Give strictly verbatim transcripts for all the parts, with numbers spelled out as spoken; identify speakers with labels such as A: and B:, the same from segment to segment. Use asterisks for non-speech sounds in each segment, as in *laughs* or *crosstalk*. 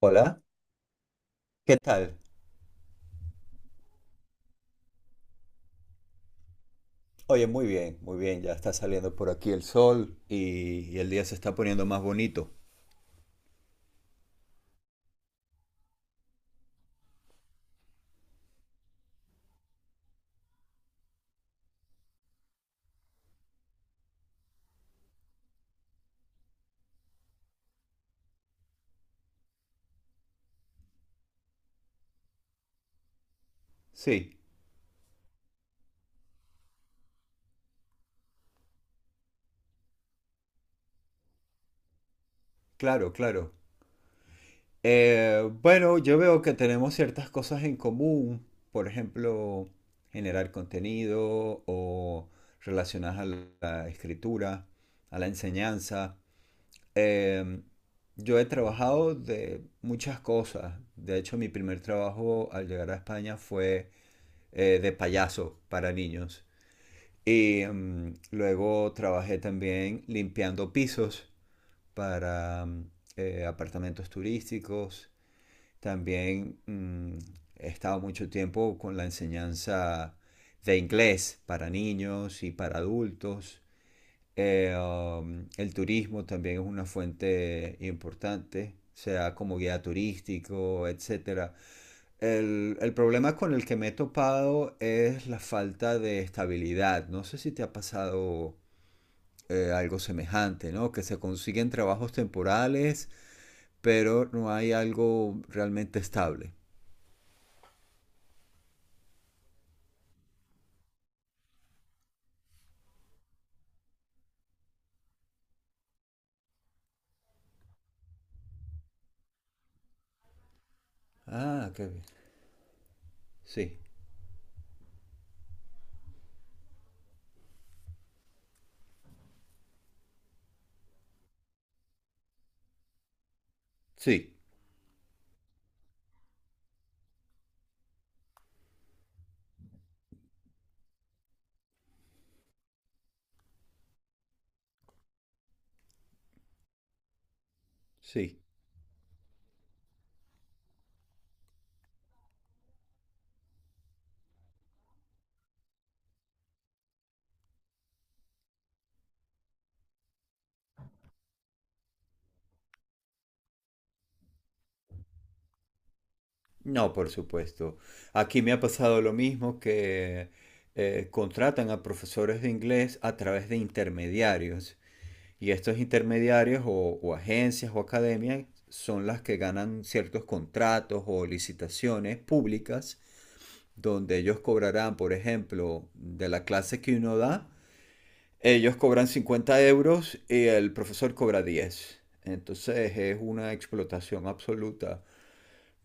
A: Hola, ¿qué tal? Oye, muy bien, muy bien, ya está saliendo por aquí el sol y, y el día se está poniendo más bonito. Sí, claro, claro. Eh, bueno, yo veo que tenemos ciertas cosas en común, por ejemplo, generar contenido o relacionadas a la la escritura, a la enseñanza. Em, yo he trabajado de muchas cosas. De hecho, mi primer trabajo al llegar a España fue eh, de payaso para niños. Y mm, luego trabajé también limpiando pisos para mm, eh, apartamentos turísticos. También mm, he estado mucho tiempo con la enseñanza de inglés para niños y para adultos. Eh, um, el turismo también es una fuente importante, sea como guía turístico, etcétera. El, el problema con el que me he topado es la falta de estabilidad. No sé si te ha pasado eh, algo semejante, ¿no? Que se consiguen trabajos temporales, pero no hay algo realmente estable. Ah, qué bien. Sí, sí, sí. No, por supuesto. Aquí me ha pasado lo mismo que eh, contratan a profesores de inglés a través de intermediarios. Y estos intermediarios o, o agencias o academias son las que ganan ciertos contratos o licitaciones públicas donde ellos cobrarán, por ejemplo, de la clase que uno da, ellos cobran cincuenta euros y el profesor cobra diez. Entonces es una explotación absoluta.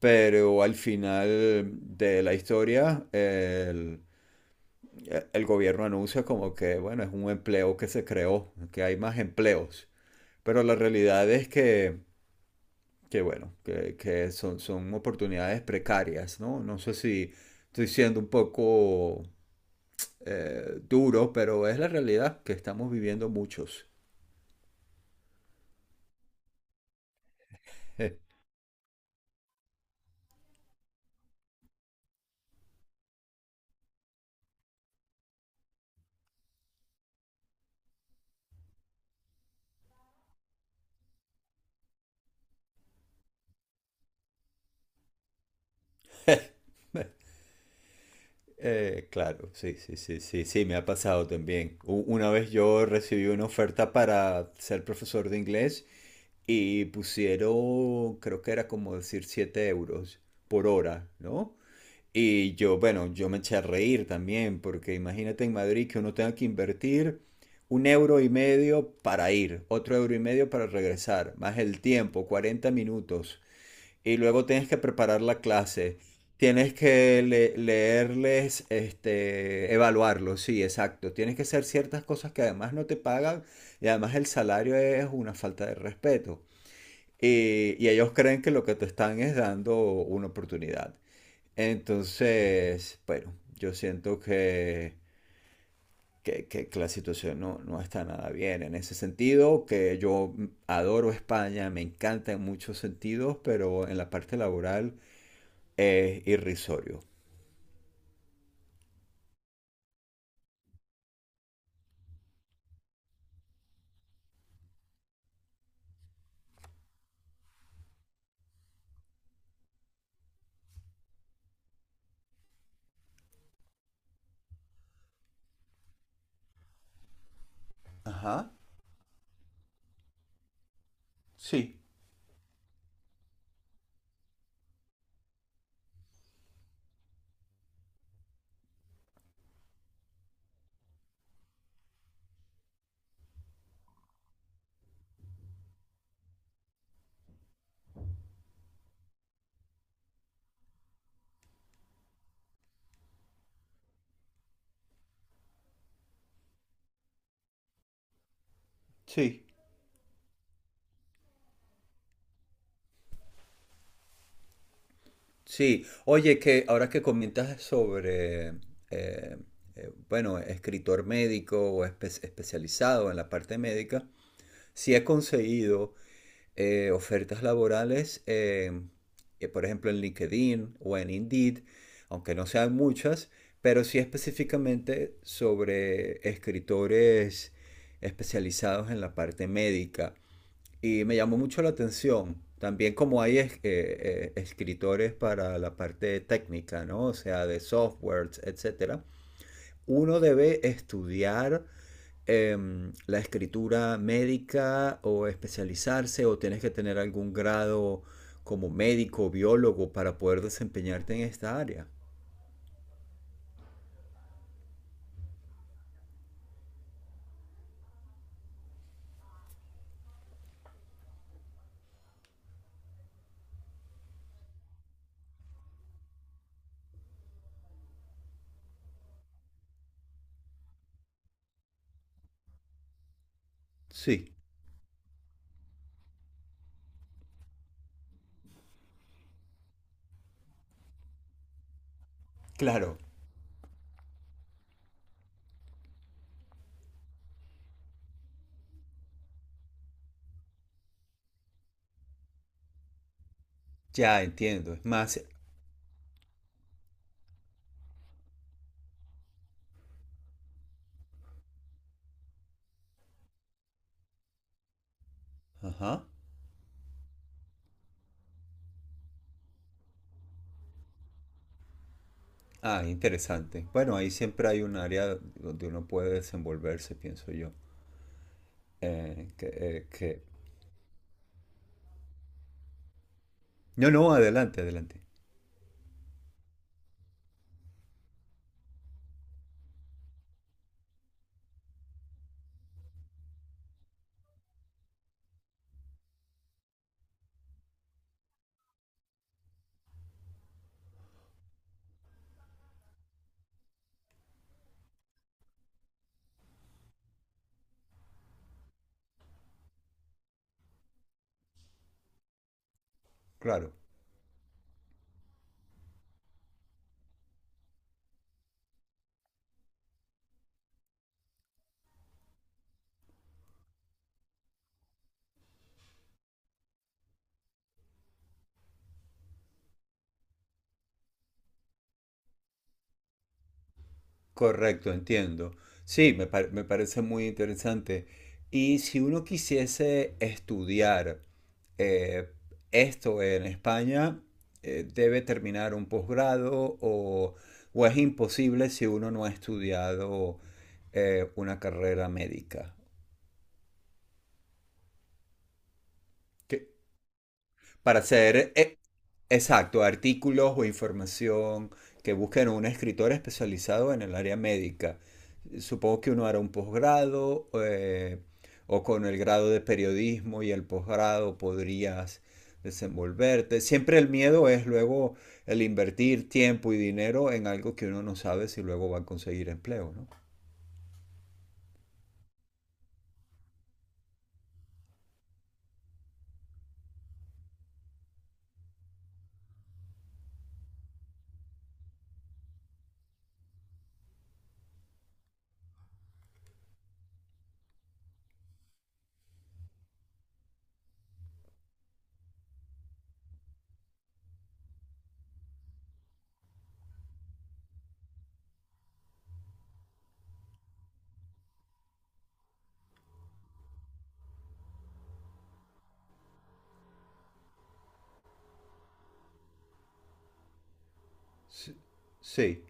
A: Pero al final de la historia, el, el gobierno anuncia como que, bueno, es un empleo que se creó, que hay más empleos. Pero la realidad es que, que bueno, que, que son, son oportunidades precarias, ¿no? No sé si estoy siendo un poco eh, duro, pero es la realidad que estamos viviendo muchos. *laughs* Eh, claro, sí, sí, sí, sí, sí, me ha pasado también. U- Una vez yo recibí una oferta para ser profesor de inglés y pusieron, creo que era como decir siete euros por hora, ¿no? Y yo, bueno, yo me eché a reír también, porque imagínate en Madrid que uno tenga que invertir un euro y medio para ir, otro euro y medio para regresar, más el tiempo, cuarenta minutos. Y luego tienes que preparar la clase. Tienes que le- leerles, este, evaluarlos, sí, exacto. Tienes que hacer ciertas cosas que además no te pagan y además el salario es una falta de respeto. Y, y ellos creen que lo que te están es dando una oportunidad. Entonces, bueno, yo siento que, que, que- que la situación no, no está nada bien en ese sentido, que yo adoro España, me encanta en muchos sentidos, pero en la parte laboral es irrisorio. Ajá. Sí, sí. Sí, oye, que ahora que comentas sobre, eh, eh, bueno, escritor médico o espe- especializado en la parte médica, sí he conseguido eh, ofertas laborales, eh, eh, por ejemplo, en LinkedIn o en Indeed, aunque no sean muchas, pero sí específicamente sobre escritores especializados en la parte médica. Y me llamó mucho la atención. También como hay es- eh, eh, escritores para la parte técnica, ¿no? O sea, de softwares, etcétera. Uno debe estudiar em, la escritura médica o especializarse o tienes que tener algún grado como médico o biólogo para poder desempeñarte en esta área. Sí, claro, ya entiendo. Es más, ajá. Ah, interesante. Bueno, ahí siempre hay un área donde uno puede desenvolverse, pienso yo. Eh, que, eh, que- No, no, adelante, adelante. Claro, correcto, entiendo. Sí, me, par- me parece muy interesante. Y si uno quisiese estudiar eh, esto en España, eh, ¿debe terminar un posgrado o, o es imposible si uno no ha estudiado eh, una carrera médica? ¿Qué, para hacer, eh, exacto, artículos o información que busquen un escritor especializado en el área médica. Supongo que uno hará un posgrado eh, o con el grado de periodismo y el posgrado podrías desenvolverte. Siempre el miedo es luego el invertir tiempo y dinero en algo que uno no sabe si luego va a conseguir empleo, ¿no? Sí, sí,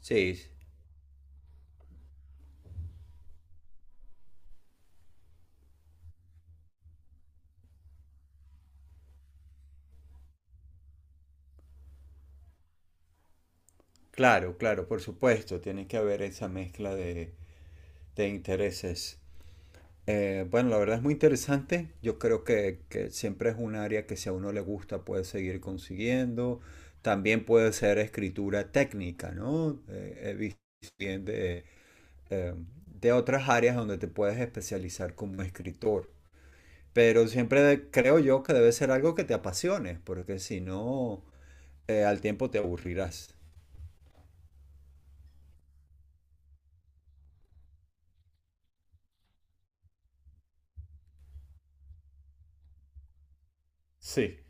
A: sí, claro, claro, por supuesto, tiene que haber esa mezcla de, de intereses. Eh, bueno, la verdad es muy interesante. Yo creo que, que siempre es un área que si a uno le gusta puede seguir consiguiendo. También puede ser escritura técnica, ¿no? Eh, he visto bien de, eh, de otras áreas donde te puedes especializar como escritor. Pero siempre de- creo yo que debe ser algo que te apasione, porque si no, eh, al tiempo te aburrirás. Sí,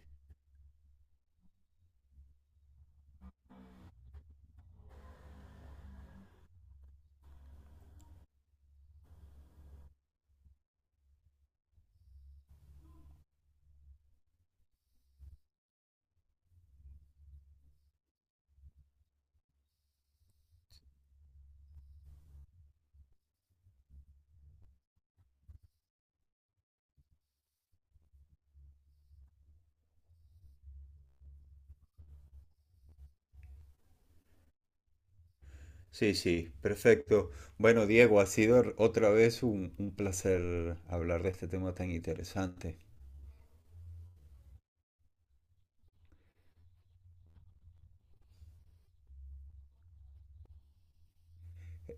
A: sí, sí, perfecto. Bueno, Diego, ha sido r- otra vez un, un placer hablar de este tema tan interesante.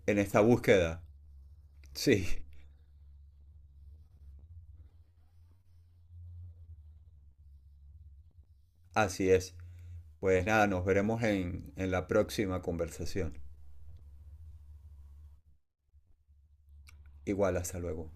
A: En esta búsqueda. *laughs* Sí, así es. Pues nada, nos veremos en, en la próxima conversación. Igual, hasta luego.